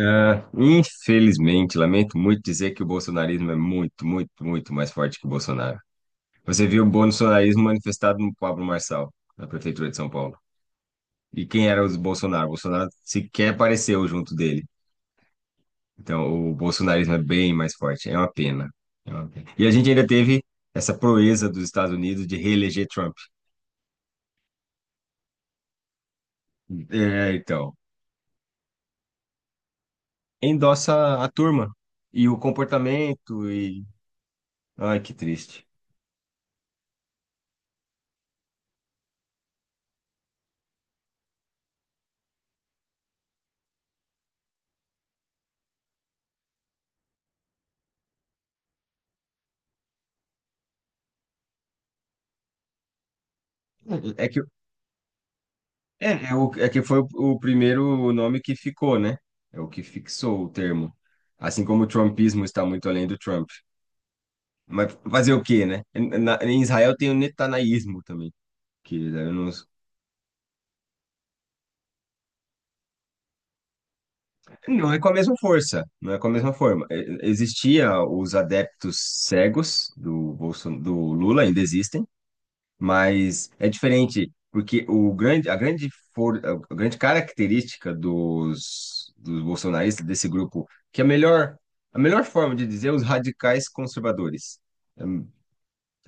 Ah, infelizmente, lamento muito dizer que o bolsonarismo é muito, muito, muito mais forte que o Bolsonaro. Você viu o bolsonarismo manifestado no Pablo Marçal, na prefeitura de São Paulo. E quem era o Bolsonaro? O Bolsonaro sequer apareceu junto dele. Então, o bolsonarismo é bem mais forte. É uma pena. É uma pena. E a gente ainda teve essa proeza dos Estados Unidos de reeleger Trump. É, então, endossa a turma e o comportamento e... Ai, que triste. É é que É, é, o, é que foi o primeiro nome que ficou, né? É o que fixou o termo. Assim como o trumpismo está muito além do Trump. Mas fazer o quê, né? Em Israel tem o netanaísmo também, que eu não, não é com a mesma força, não é com a mesma forma. Existia os adeptos cegos do Lula, ainda existem, mas é diferente, porque o grande, a grande, for, a grande característica dos bolsonaristas, desse grupo, que é a melhor forma de dizer é os radicais conservadores, hum,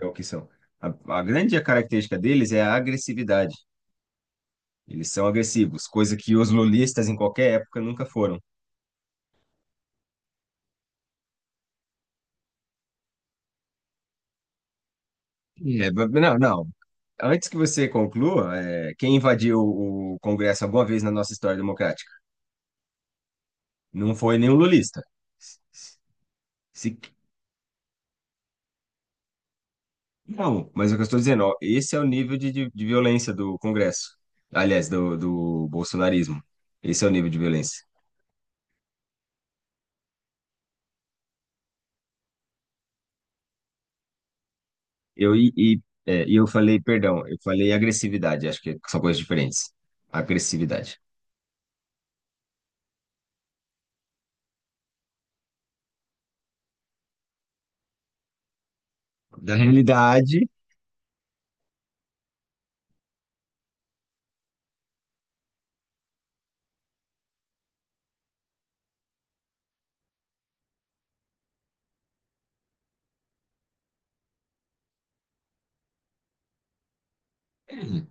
é o que são. A, a grande característica deles é a agressividade. Eles são agressivos, coisa que os lulistas em qualquer época nunca foram. É, não, não. Antes que você conclua, quem invadiu o Congresso alguma vez na nossa história democrática? Não foi nenhum lulista. Se, Não, mas é o que eu estou dizendo, ó, esse é o nível de violência do Congresso. Aliás, do bolsonarismo. Esse é o nível de violência. Eu, e, é, e eu falei, perdão, eu falei agressividade, acho que são coisas diferentes. Agressividade. Da realidade,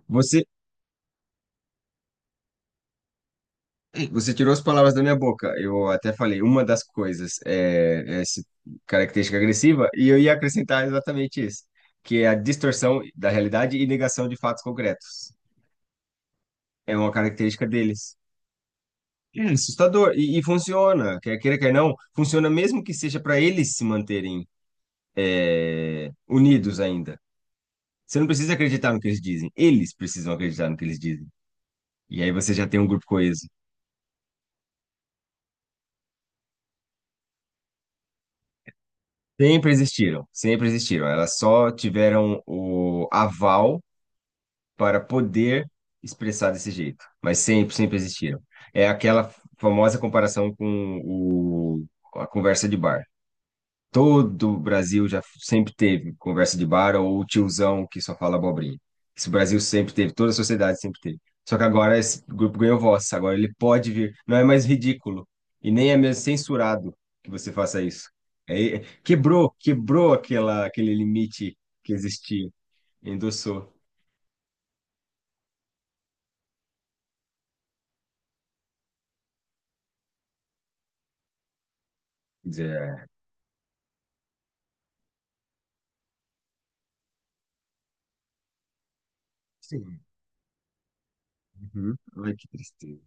você, você tirou as palavras da minha boca. Eu até falei, uma das coisas é essa característica agressiva, e eu ia acrescentar exatamente isso, que é a distorção da realidade e negação de fatos concretos. É uma característica deles. É assustador. E funciona, quer queira, quer não, funciona mesmo que seja para eles se manterem unidos ainda. Você não precisa acreditar no que eles dizem, eles precisam acreditar no que eles dizem. E aí você já tem um grupo coeso. Sempre existiram, sempre existiram. Elas só tiveram o aval para poder expressar desse jeito, mas sempre, sempre existiram. É aquela famosa comparação com a conversa de bar. Todo o Brasil já sempre teve conversa de bar ou o tiozão que só fala abobrinha. Isso o Brasil sempre teve, toda a sociedade sempre teve. Só que agora esse grupo ganhou voz, agora ele pode vir. Não é mais ridículo e nem é mesmo censurado que você faça isso. Quebrou aquele limite que existia, endossou. Quer dizer, sim, uhum. Ai, que tristeza.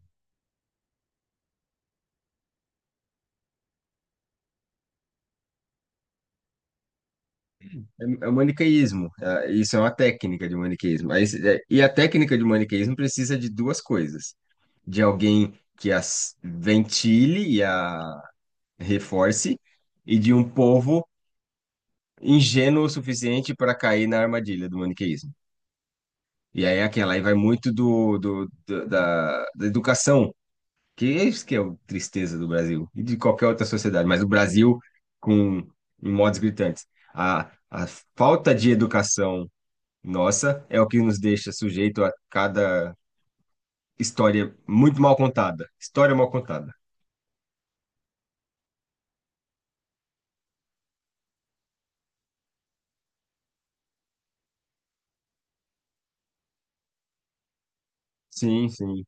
É o maniqueísmo. Isso é uma técnica de maniqueísmo. Aí, e a técnica de maniqueísmo precisa de duas coisas: de alguém que as ventile e a reforce, e de um povo ingênuo o suficiente para cair na armadilha do maniqueísmo. E aí aquela aí vai muito da educação, que é isso que é a tristeza do Brasil e de qualquer outra sociedade, mas o Brasil com em modos gritantes. A falta de educação. Nossa, é o que nos deixa sujeito a cada história muito mal contada. História mal contada. Sim, sim.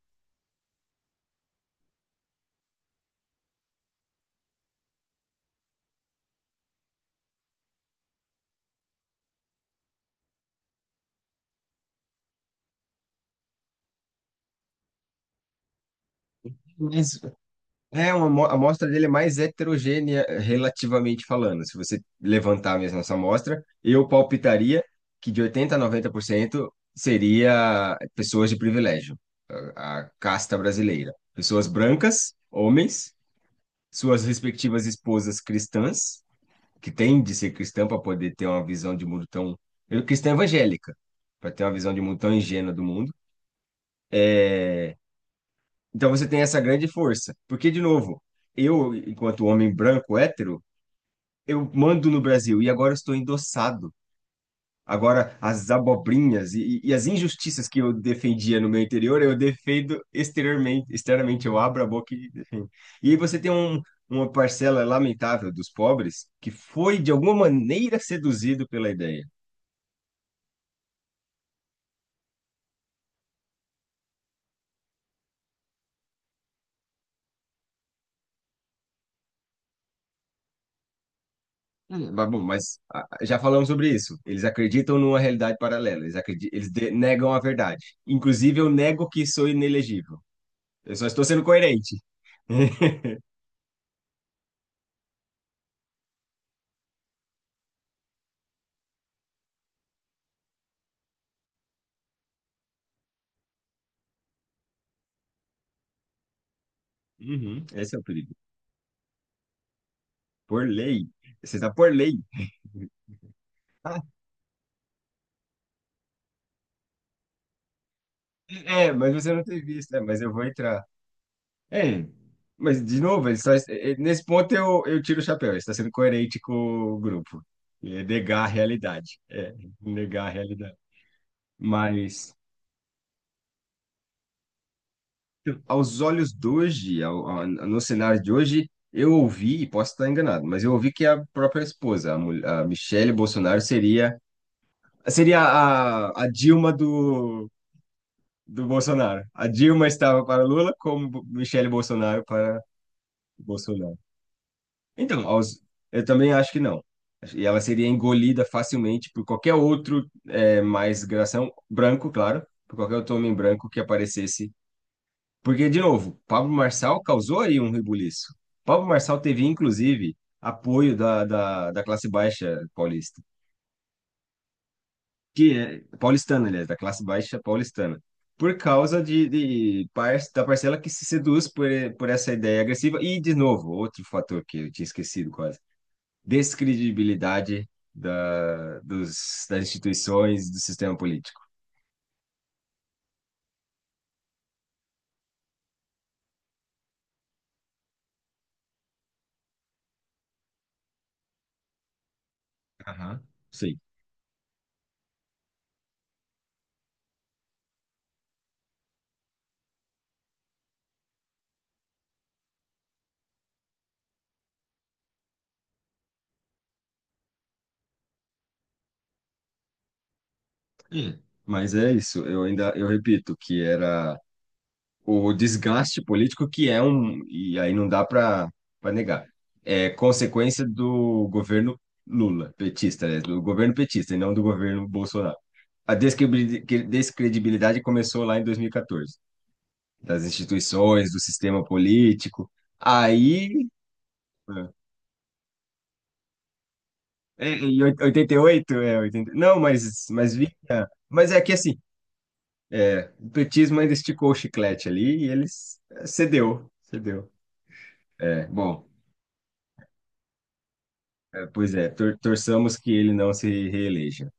Mas é a amostra dele é mais heterogênea relativamente falando. Se você levantar mesmo essa amostra, eu palpitaria que de 80 a 90% seria pessoas de privilégio, a casta brasileira. Pessoas brancas, homens, suas respectivas esposas cristãs que tem de ser cristão para poder ter uma visão de mundo tão. Eu, cristã evangélica, para ter uma visão de mundo tão ingênua do mundo. É, então você tem essa grande força. Porque, de novo, eu, enquanto homem branco hétero, eu mando no Brasil e agora eu estou endossado. Agora, as abobrinhas e as injustiças que eu defendia no meu interior, eu defendo exteriormente, externamente, eu abro a boca e defendo. E aí você tem uma parcela lamentável dos pobres que foi, de alguma maneira, seduzido pela ideia. Mas, bom, mas já falamos sobre isso. Eles acreditam numa realidade paralela. Eles negam a verdade. Inclusive, eu nego que sou inelegível. Eu só estou sendo coerente. Uhum, esse é o perigo. Por lei. Você está por lei. Ah, mas você não tem visto, né? Mas eu vou entrar. É, mas de novo, ele só, é, é, nesse ponto eu tiro o chapéu. Ele está sendo coerente com o grupo. É negar a realidade. É, negar a realidade. Mas. Aos olhos de hoje, no cenário de hoje, eu ouvi, e posso estar enganado, mas eu ouvi que a própria esposa, a Michele Bolsonaro, seria a Dilma do Bolsonaro. A Dilma estava para Lula, como Michele Bolsonaro para Bolsonaro. Então, eu também acho que não. E ela seria engolida facilmente por qualquer outro mais gração, branco, claro, por qualquer outro homem branco que aparecesse. Porque, de novo, Pablo Marçal causou aí um rebuliço. Pablo Marçal teve, inclusive, apoio da classe baixa paulista, que é paulistana, aliás, da classe baixa paulistana, por causa da parcela que se seduz por essa ideia agressiva. E, de novo, outro fator que eu tinha esquecido quase, descredibilidade das instituições do sistema político. Aham. Sim. Hum. Mas é isso, eu ainda, eu repito, que era o desgaste político que é um, e aí não dá para negar, é consequência do governo Lula, petista, né? Do governo petista e não do governo Bolsonaro. A descredibilidade começou lá em 2014, das instituições, do sistema político. Aí, em 88, 80, não, mas vinha. Mas é que assim, o petismo ainda esticou o chiclete ali e eles cedeu, cedeu. É, bom. É, pois é, torçamos que ele não se reeleja.